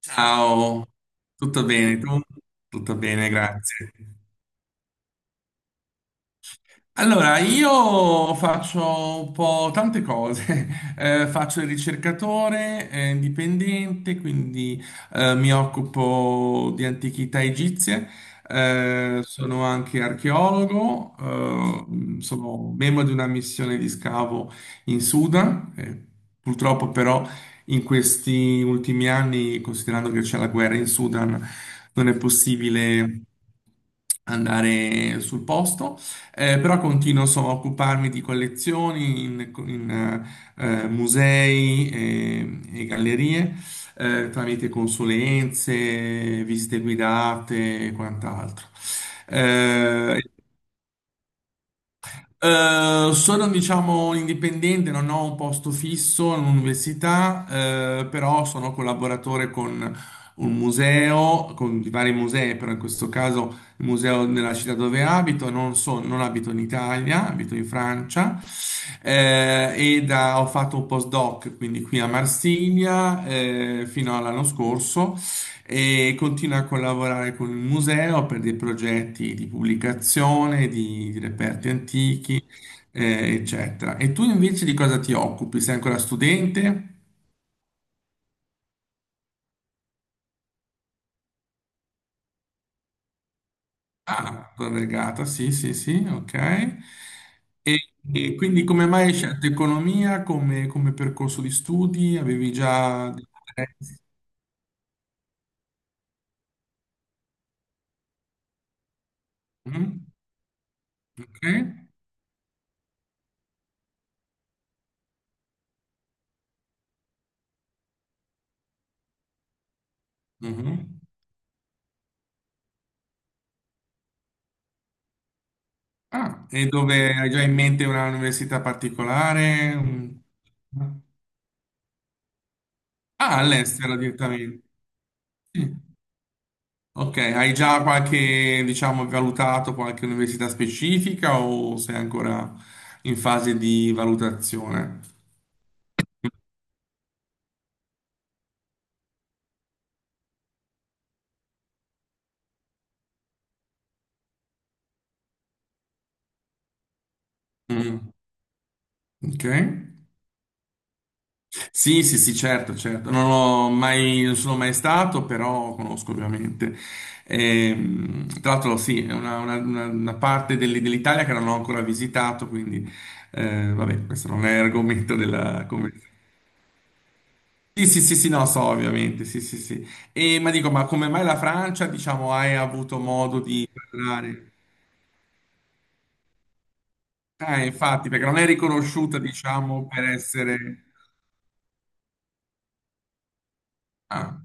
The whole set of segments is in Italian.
Ciao, tutto bene tu? Tutto bene, grazie. Allora, io faccio un po' tante cose. Faccio il ricercatore, indipendente, quindi mi occupo di antichità egizie. Sono anche archeologo, sono membro di una missione di scavo in Sudan. Purtroppo però, in questi ultimi anni, considerando che c'è la guerra in Sudan, non è possibile andare sul posto. Però continuo, insomma, a occuparmi di collezioni in musei e gallerie, tramite consulenze, visite guidate e quant'altro. Sì. Sono, diciamo, indipendente, non ho un posto fisso in un'università, però sono collaboratore con un museo, con vari musei, però in questo caso il museo nella città dove abito, non abito in Italia, abito in Francia. Ho fatto un postdoc, quindi qui a Marsiglia, fino all'anno scorso, e continua a collaborare con il museo per dei progetti di pubblicazione, di reperti antichi, eccetera. E tu invece di cosa ti occupi? Sei ancora studente? Ah, ancora Vergata, sì, sì, sì, ok. E, e quindi come mai hai scelto economia come, percorso di studi? Avevi già dei interessi? Mm. Ok. Mhm. Ah, e dove? Hai già in mente una università particolare? Mm. Ah, all'estero direttamente. Sì. Ok, hai già, qualche, diciamo, valutato qualche università specifica o sei ancora in fase di valutazione? Mm. Ok. Sì, sì, sì, certo, certo. Non ho mai, non sono mai stato, però conosco ovviamente. Tra l'altro, sì, è una parte dell'Italia che non ho ancora visitato, quindi, vabbè, questo non è argomento della conversazione. Sì, sì, sì, sì, no, so, ovviamente, sì, sì, sì. E, ma dico, ma come mai la Francia, diciamo? Hai avuto modo di parlare? Infatti, perché non è riconosciuta, diciamo, per essere... Ah.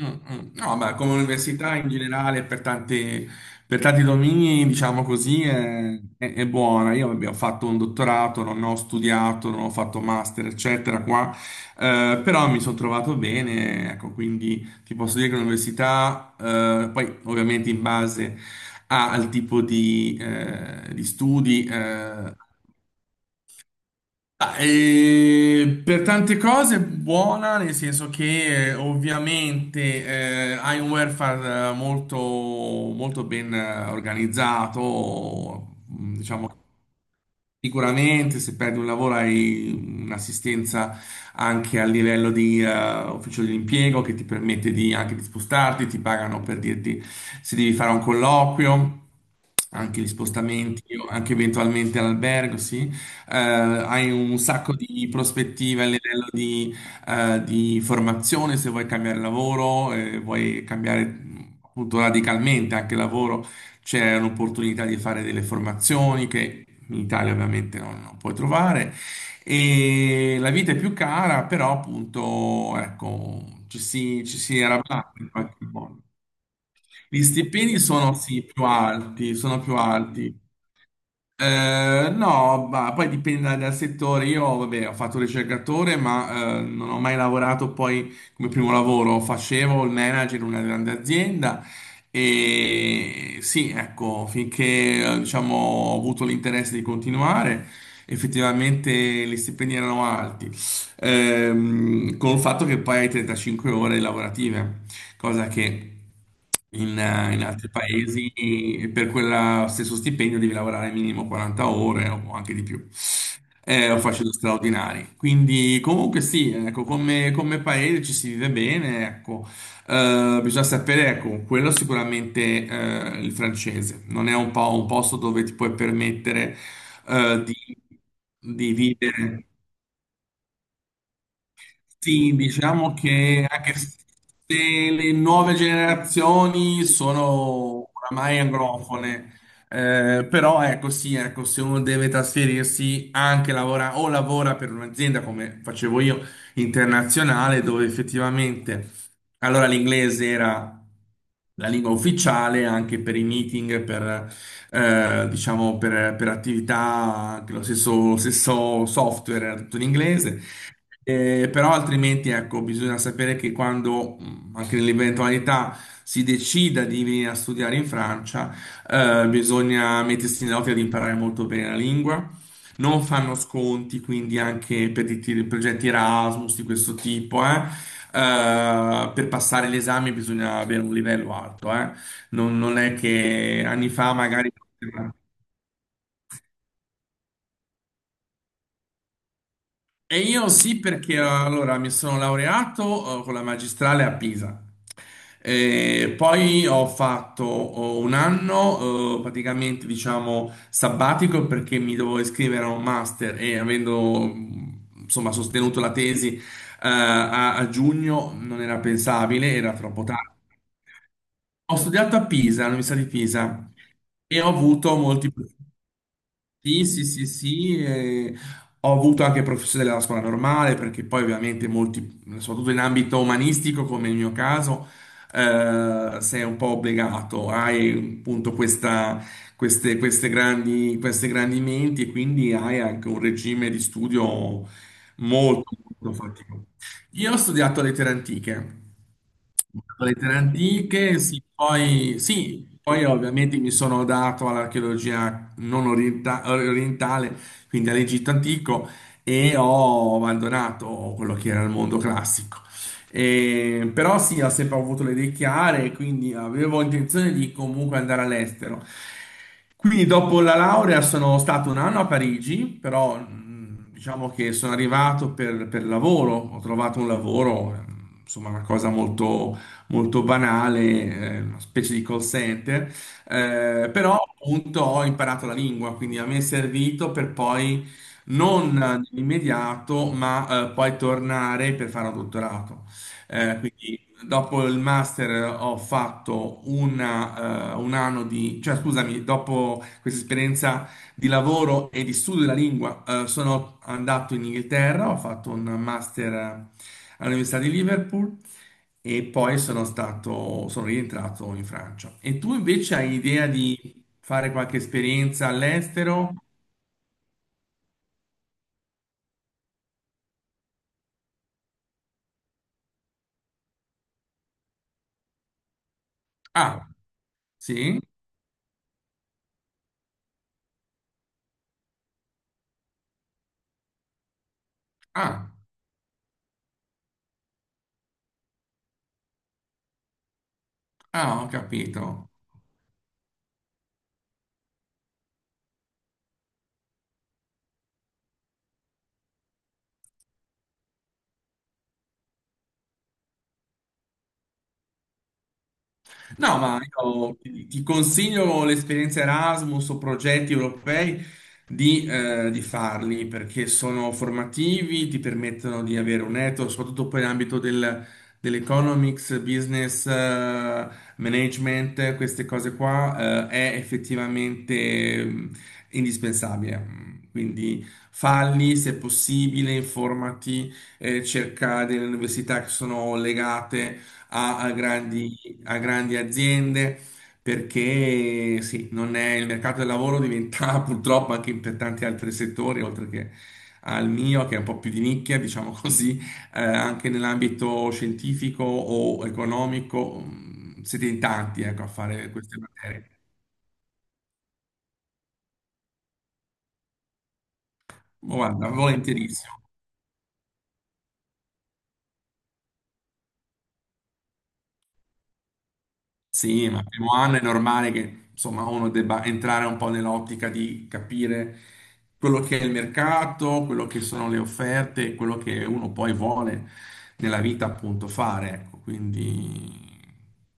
Mm, mm. No, beh, come università in generale per tanti, domini, diciamo così, è buona. Io, vabbè, ho fatto un dottorato, non ho studiato, non ho fatto master, eccetera, qua, però mi sono trovato bene, ecco, quindi ti posso dire che l'università, poi ovviamente in base al tipo di studi. Eh, Ah, per tante cose buona, nel senso che, ovviamente, hai un welfare, molto, molto ben, organizzato, diciamo. Sicuramente, se perdi un lavoro hai un'assistenza anche a livello di, ufficio dell'impiego, che ti permette di, anche di spostarti, ti pagano per dirti se devi fare un colloquio, anche gli spostamenti, o anche eventualmente all'albergo, sì. Hai un sacco di prospettive a livello di formazione. Se vuoi cambiare lavoro, vuoi cambiare, appunto radicalmente, anche lavoro, c'è un'opportunità di fare delle formazioni che in Italia, ovviamente, non puoi trovare, e la vita è più cara, però appunto, ecco, ci si arrabatta in qualche modo. Gli stipendi sono, sì, più alti, sono più alti, no, ma poi dipende dal settore. Io, vabbè, ho fatto ricercatore, ma non ho mai lavorato poi come primo lavoro. Facevo il manager in una grande azienda e sì, ecco, finché, diciamo, ho avuto l'interesse di continuare, effettivamente gli stipendi erano alti. Con il fatto che poi hai 35 ore lavorative, cosa che in altri paesi, e per quello stesso stipendio devi lavorare minimo 40 ore o anche di più. O facendo straordinari. Quindi, comunque, sì, ecco, come, paese ci si vive bene, ecco. Bisogna sapere, ecco, quello sicuramente, il francese. Non è un po' un posto dove ti puoi permettere, eh, di, di vivere. Sì, diciamo che, anche se le nuove generazioni sono oramai anglofone, però ecco, sì, ecco, se uno deve trasferirsi, anche lavora o lavora per un'azienda come facevo io, internazionale, dove effettivamente allora l'inglese era la lingua ufficiale anche per i meeting, diciamo per attività, anche lo stesso software era tutto in inglese. Però altrimenti, ecco, bisogna sapere che quando, anche nell'eventualità si decida di venire a studiare in Francia, bisogna mettersi in nell'ottica di imparare molto bene la lingua. Non fanno sconti, quindi anche per i progetti Erasmus di questo tipo. Per passare l'esame bisogna avere un livello alto. Non è che anni fa magari... E io sì, perché, allora mi sono laureato, con la magistrale a Pisa. E poi ho fatto, un anno, praticamente, diciamo, sabbatico, perché mi dovevo iscrivere a un master, e avendo, insomma, sostenuto la tesi, a giugno, non era pensabile, era troppo tardi. Ho studiato a Pisa, all'Università di Pisa, e ho avuto molti. Sì, sì, sì, sì. Ho avuto anche professori della Scuola Normale, perché poi ovviamente molti, soprattutto in ambito umanistico come il mio caso, sei un po' obbligato, hai appunto queste grandi menti, e quindi hai anche un regime di studio molto, molto faticoso. Io ho studiato lettere antiche. Lettere antiche, sì. Poi, sì, poi ovviamente mi sono dato all'archeologia non orientale, quindi all'Egitto antico, e ho abbandonato quello che era il mondo classico. Però sì, ho sempre avuto le idee chiare, quindi avevo intenzione di, comunque, andare all'estero. Quindi dopo la laurea sono stato un anno a Parigi, però, diciamo che sono arrivato per, lavoro, ho trovato un lavoro, insomma una cosa molto, molto banale, una specie di call center, però appunto ho imparato la lingua, quindi a me è servito per poi, non nell'immediato, ma, poi tornare per fare un dottorato. Quindi dopo il master, ho fatto un anno di, cioè, scusami, dopo questa esperienza di lavoro e di studio della lingua. Sono andato in Inghilterra, ho fatto un master, all'Università di Liverpool, e poi sono stato, sono rientrato in Francia. E tu invece hai idea di fare qualche esperienza all'estero? Ah, sì? Ah, ah, ho capito. No, ma io ti consiglio l'esperienza Erasmus o progetti europei di farli, perché sono formativi, ti permettono di avere un network, soprattutto poi nell'ambito dell'economics, business, management, queste cose qua, è effettivamente, indispensabile. Quindi falli se possibile, informati, cerca delle università che sono legate a grandi, aziende, perché sì, non è- il mercato del lavoro diventa purtroppo, anche per tanti altri settori, oltre che al mio, che è un po' più di nicchia, diciamo così, anche nell'ambito scientifico o economico, siete in tanti, ecco, a fare queste materie. Oh, guarda, volentierissimo. Sì, ma il primo anno è normale che, insomma, uno debba entrare un po' nell'ottica di capire quello che è il mercato, quello che sono le offerte, quello che uno poi vuole nella vita, appunto, fare. Ecco, quindi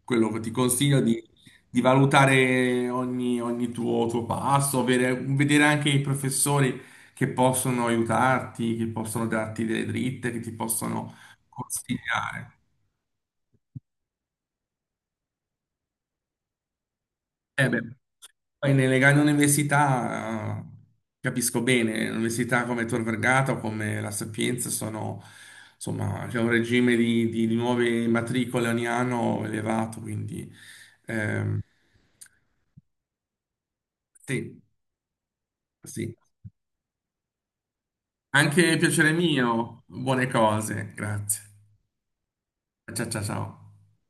quello che ti consiglio di, valutare ogni, tuo passo, vedere anche i professori che possono aiutarti, che possono darti delle dritte, che ti possono consigliare. Eh beh, poi nelle grandi università, capisco bene, università come Tor Vergata o come La Sapienza sono, insomma, c'è un regime di, di nuove matricole ogni anno elevato, quindi ehm, sì, sì. Anche piacere mio, buone cose, grazie. Ciao ciao ciao.